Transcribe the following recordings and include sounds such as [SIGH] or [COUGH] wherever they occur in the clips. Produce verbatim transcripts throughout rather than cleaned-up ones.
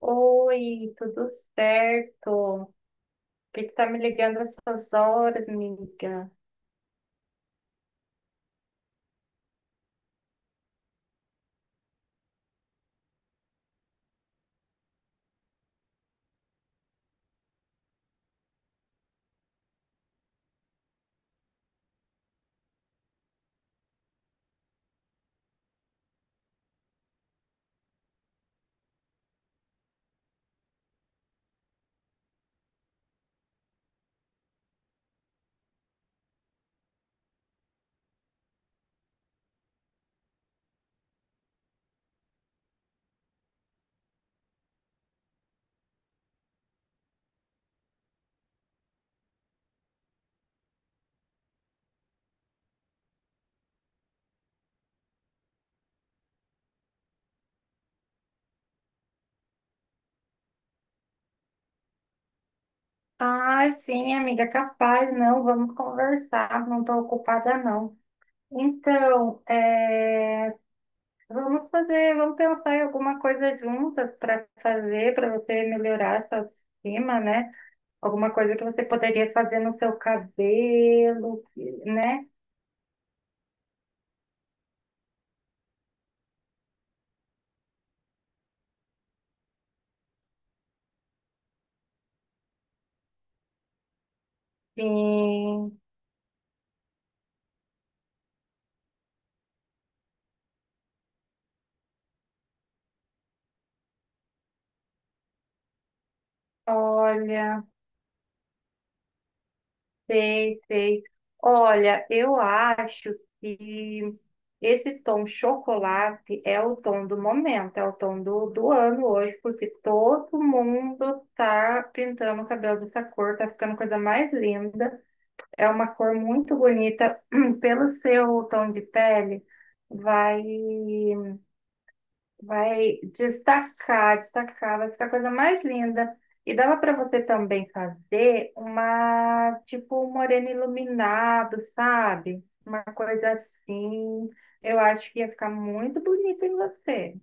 Oi, tudo certo? Por que que tá me ligando essas horas, amiga? Ah, sim, amiga, capaz, não, vamos conversar, não tô ocupada, não. Então, é, vamos fazer, vamos pensar em alguma coisa juntas para fazer, para você melhorar sua autoestima, né? Alguma coisa que você poderia fazer no seu cabelo, né? Sim, olha. Sei, sei. Olha, eu acho que esse tom chocolate é o tom do momento, é o tom do, do ano hoje, porque todo mundo tá pintando o cabelo dessa cor, tá ficando coisa mais linda. É uma cor muito bonita. [CLEARS THROAT] Pelo seu tom de pele, vai. Vai destacar, destacar, vai ficar a coisa mais linda. E dava para você também fazer uma, tipo, um moreno iluminado, sabe? Uma coisa assim. Eu acho que ia ficar muito bonito em você.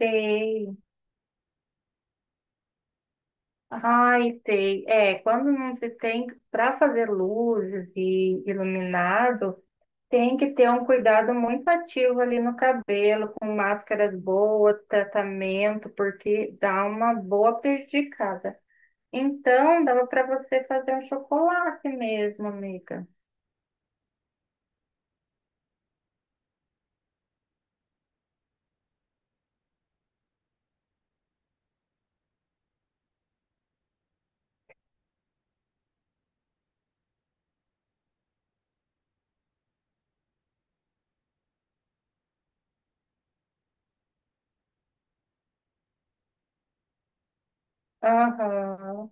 Sei. Ai, sei. É, quando não se tem para fazer luzes e iluminado. Tem que ter um cuidado muito ativo ali no cabelo, com máscaras boas, tratamento, porque dá uma boa prejudicada. Então, dava para você fazer um chocolate mesmo, amiga. Aham.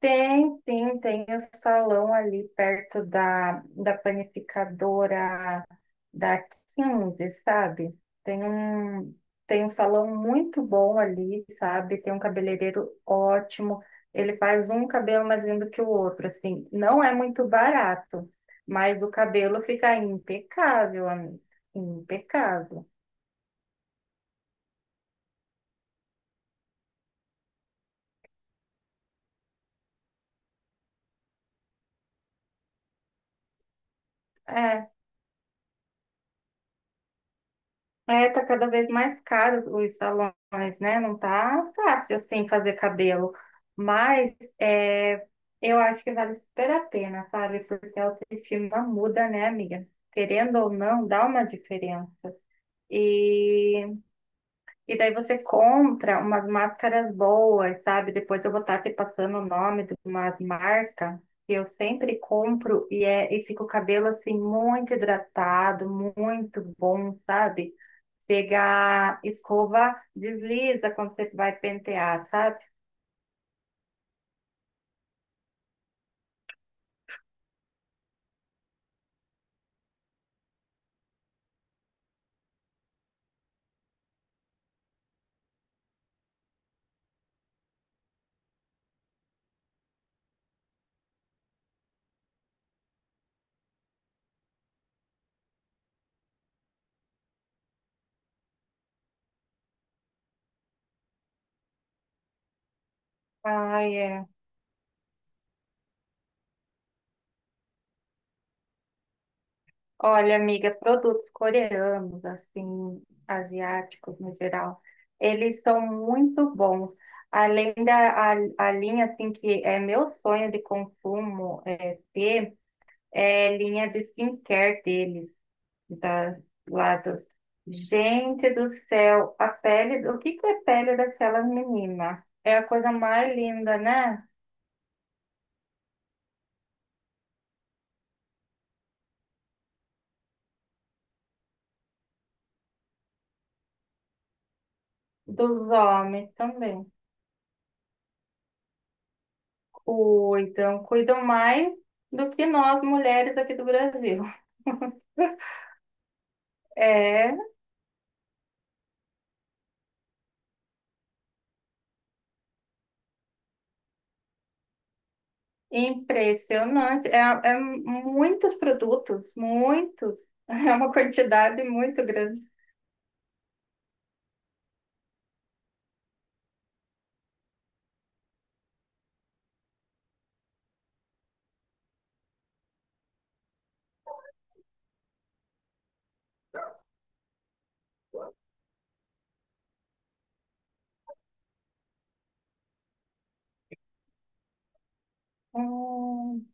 Tem, tem, tem o salão ali perto da, da panificadora da Quinze, sabe? Tem um, tem um salão muito bom ali, sabe? Tem um cabeleireiro ótimo. Ele faz um cabelo mais lindo que o outro, assim. Não é muito barato, mas o cabelo fica impecável, amiga. Impecável. É, É, tá cada vez mais caro os salões, né? Não tá fácil assim fazer cabelo. Mas é, eu acho que vale super a pena, sabe? Porque a autoestima muda, né, amiga? Querendo ou não, dá uma diferença. E, e daí você compra umas máscaras boas, sabe? Depois eu vou estar te passando o nome de umas marcas que eu sempre compro e, é, e fica o cabelo assim muito hidratado, muito bom, sabe? Pegar escova, desliza quando você vai pentear, sabe? Ai, é. Olha, amiga, produtos coreanos, assim, asiáticos no geral, eles são muito bons. Além da a, a linha, assim, que é meu sonho de consumo é, ter, é linha de skincare deles, das, lá dos... Gente do céu, a pele, o que que é pele daquela menina? É a coisa mais linda, né? Dos homens também cuidam, cuidam mais do que nós mulheres aqui do Brasil. [LAUGHS] É impressionante. É, é muitos produtos, muitos. [LAUGHS] É uma quantidade muito grande. Hum,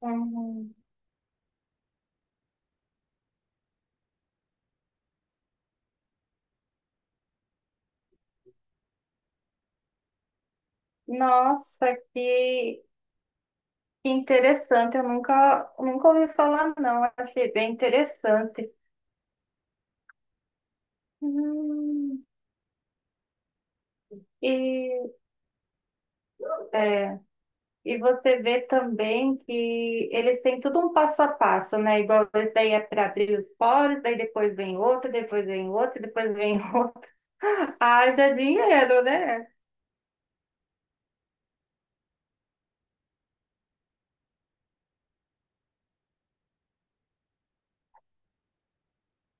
hum. Nossa, que que interessante. Eu nunca, nunca ouvi falar, não. Achei bem interessante. Hum, E é, E você vê também que eles têm tudo um passo a passo, né? Igual esse daí é para abrir os poros, daí depois vem outro, depois vem outro, depois vem outro. [LAUGHS] Haja dinheiro, né?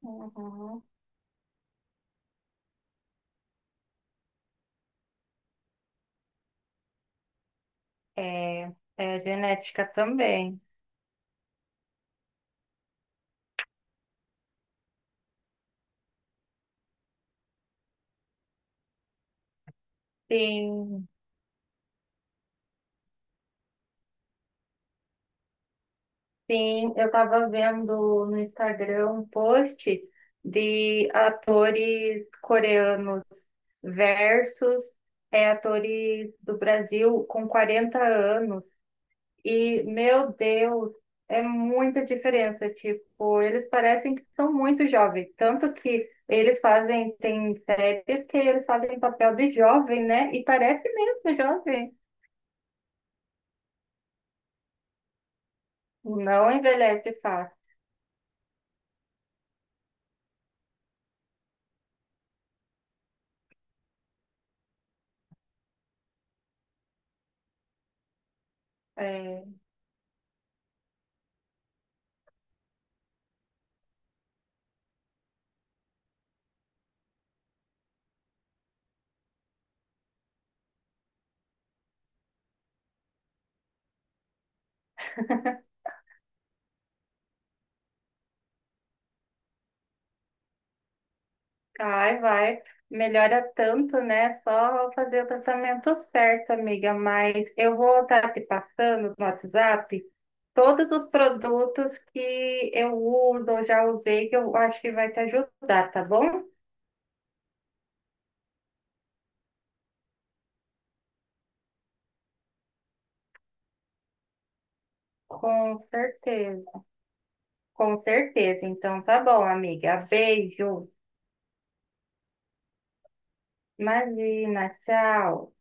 Uhum. É, é genética também. Sim, sim. Eu estava vendo no Instagram um post de atores coreanos versus é, atores do Brasil com quarenta anos. E, meu Deus, é muita diferença. Tipo, eles parecem que são muito jovens. Tanto que eles fazem, tem séries que eles fazem papel de jovem, né? E parece mesmo jovem. Não envelhece fácil. É, vai, vai. Melhora tanto, né? Só fazer o tratamento certo, amiga. Mas eu vou estar te passando no WhatsApp todos os produtos que eu uso ou já usei, que eu acho que vai te ajudar, tá bom? Com certeza, com certeza. Então tá bom, amiga. Beijo. Imagina, tchau.